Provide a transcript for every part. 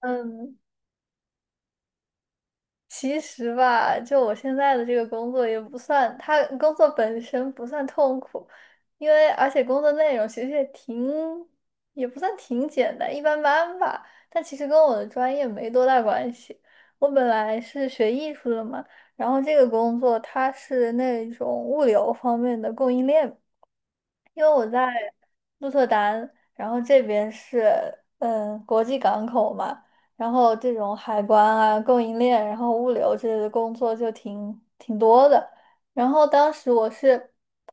嗯，其实吧，就我现在的这个工作也不算，它工作本身不算痛苦，而且工作内容其实也不算挺简单，一般般吧。但其实跟我的专业没多大关系。我本来是学艺术的嘛，然后这个工作它是那种物流方面的供应链。因为我在鹿特丹，然后这边是国际港口嘛，然后这种海关啊、供应链，然后物流之类的工作就挺多的。然后当时我是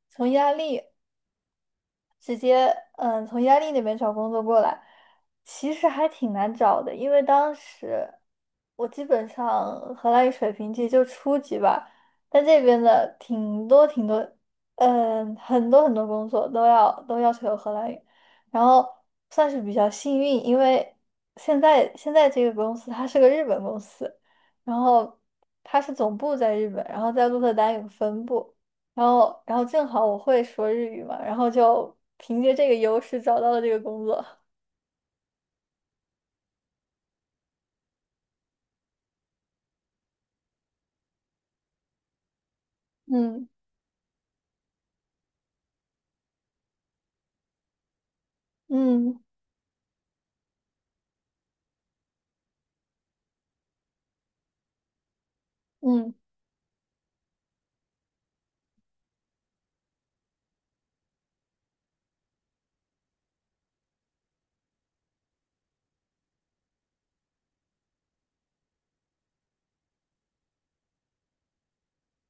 从意大利。直接从意大利那边找工作过来，其实还挺难找的，因为当时我基本上荷兰语水平其实就初级吧，但这边的挺多挺多，嗯，很多很多工作都要求有荷兰语，然后算是比较幸运，因为现在这个公司它是个日本公司，然后它是总部在日本，然后在鹿特丹有个分部。然后正好我会说日语嘛，然后就凭借这个优势找到了这个工作。嗯嗯嗯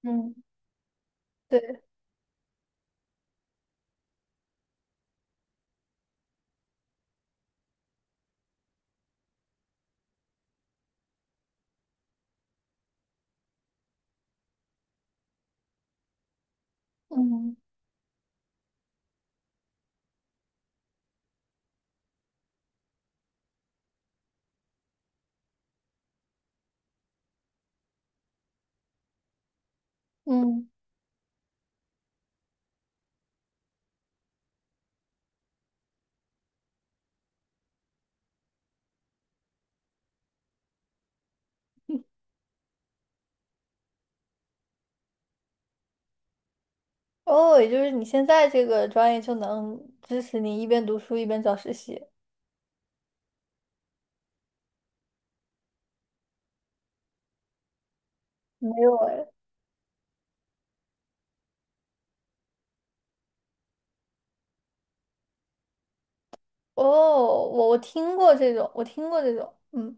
嗯，对，嗯嗯。哦，也就是你现在这个专业就能支持你一边读书一边找实习？没有哎。哦，我听过这种，我听过这种，嗯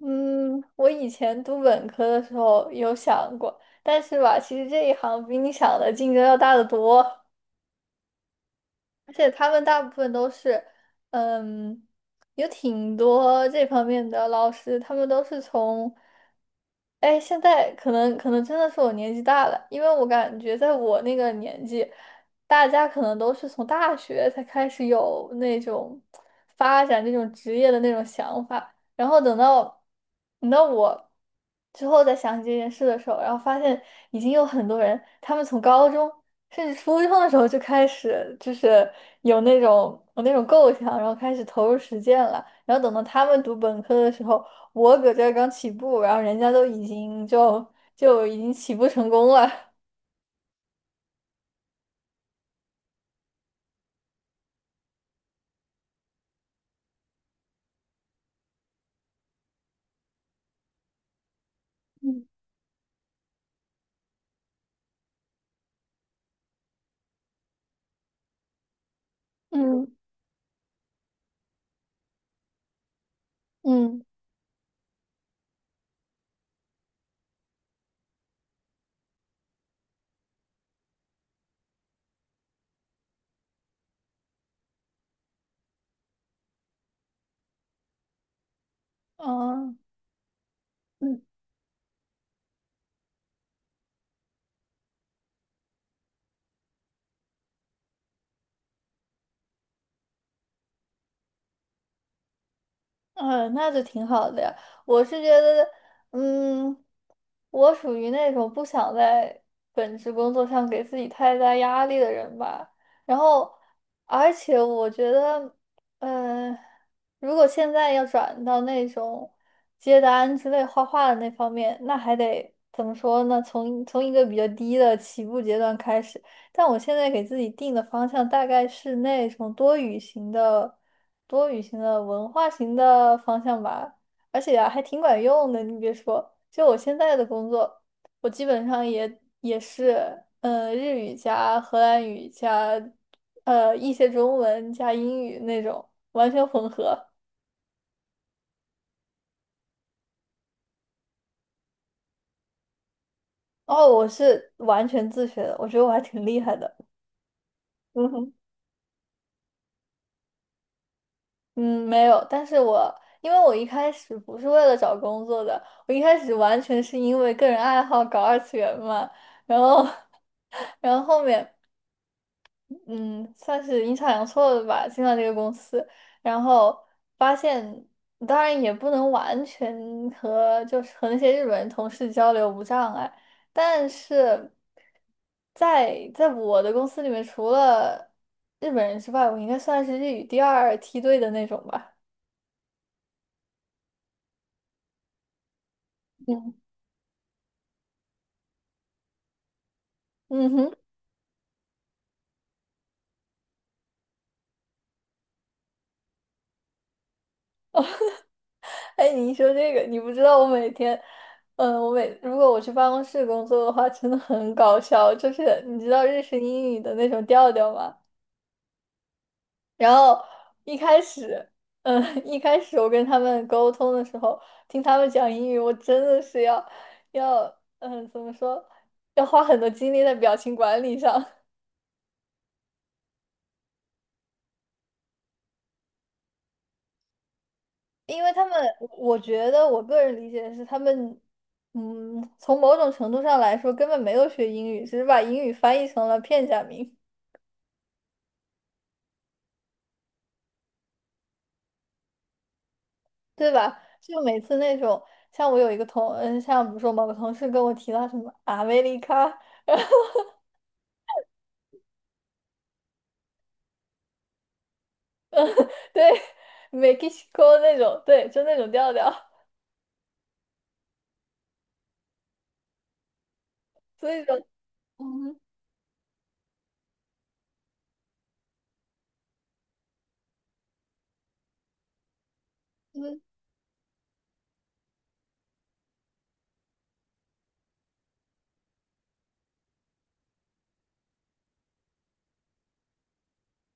嗯，我以前读本科的时候有想过，但是吧，其实这一行比你想的竞争要大得多。而且他们大部分都是，嗯，有挺多这方面的老师，他们都是从，哎，现在可能真的是我年纪大了，因为我感觉在我那个年纪，大家可能都是从大学才开始有那种发展这种职业的那种想法，然后等到我之后再想起这件事的时候，然后发现已经有很多人，他们从高中。是你初中的时候就开始，就是有那种构想，然后开始投入实践了。然后等到他们读本科的时候，我搁这儿刚起步，然后人家都已经就已经起步成功了。嗯嗯嗯，哦嗯。嗯，那就挺好的呀。我是觉得，嗯，我属于那种不想在本职工作上给自己太大压力的人吧。然后，而且我觉得，嗯，如果现在要转到那种接单之类画画的那方面，那还得怎么说呢？从一个比较低的起步阶段开始。但我现在给自己定的方向大概是那种多语型的、多语型的文化型的方向吧，而且啊还挺管用的。你别说，就我现在的工作，我基本上也是，日语加荷兰语加一些中文加英语那种完全混合。哦，我是完全自学的，我觉得我还挺厉害的。嗯哼。嗯，没有，但是因为我一开始不是为了找工作的，我一开始完全是因为个人爱好搞二次元嘛，然后，然后后面，嗯，算是阴差阳错的吧，进了这个公司，然后发现，当然也不能完全和就是和那些日本人同事交流无障碍，但是在我的公司里面，除了日本人之外，我应该算是日语第二梯队的那种吧。嗯哼，哎，你一说这个，你不知道我每天，如果我去办公室工作的话，真的很搞笑。就是你知道日式英语的那种调调吗？然后一开始，嗯，一开始我跟他们沟通的时候，听他们讲英语，我真的是要要，怎么说，要花很多精力在表情管理上。因为他们，我觉得我个人理解是他们，从某种程度上来说根本没有学英语，只是把英语翻译成了片假名，对吧？就每次那种，像我有一个同，嗯，像比如说某个同事跟我提到什么阿美利卡，对，Mexico 那种，对，就那种调调，所以说，嗯哼嗯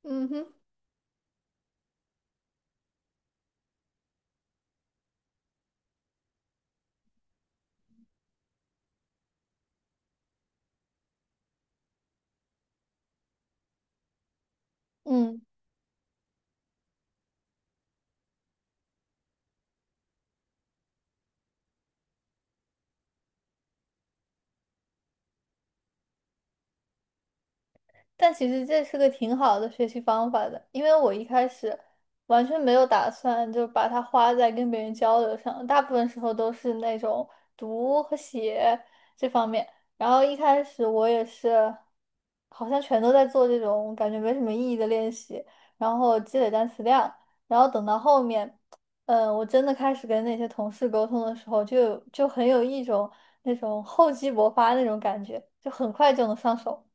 嗯哼嗯。但其实这是个挺好的学习方法的，因为我一开始完全没有打算就把它花在跟别人交流上，大部分时候都是那种读和写这方面。然后一开始我也是，好像全都在做这种感觉没什么意义的练习，然后积累单词量。然后等到后面，我真的开始跟那些同事沟通的时候就，就很有一种那种厚积薄发那种感觉，就很快就能上手。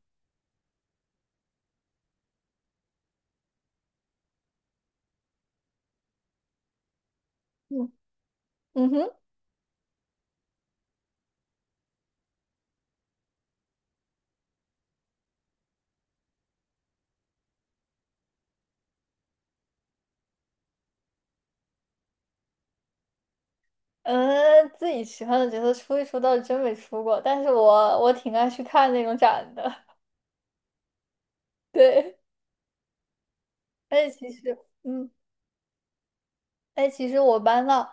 嗯嗯哼。嗯，自己喜欢的角色出一出倒是真没出过，但是我挺爱去看那种展的。对，哎，其实，嗯，哎，其实我搬到，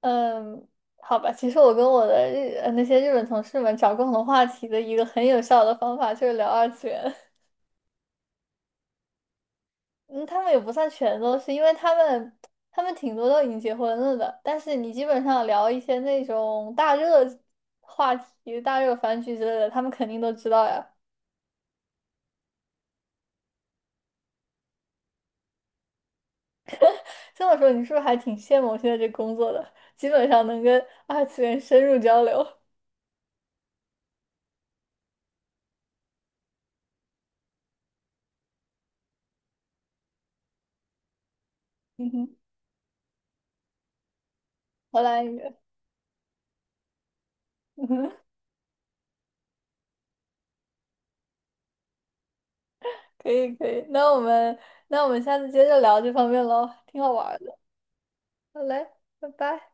嗯，好吧，其实我跟我的那些日本同事们找共同话题的一个很有效的方法就是聊二次元。嗯，他们也不算全都是，因为他们挺多都已经结婚了的，但是你基本上聊一些那种大热话题、大热番剧之类的，他们肯定都知道呀。这么说，你是不是还挺羡慕我现在这工作的？基本上能跟二次元深入交流。嗯哼，荷兰语。嗯哼，可以可以。那我们下次接着聊这方面喽，挺好玩儿的。好嘞，拜拜。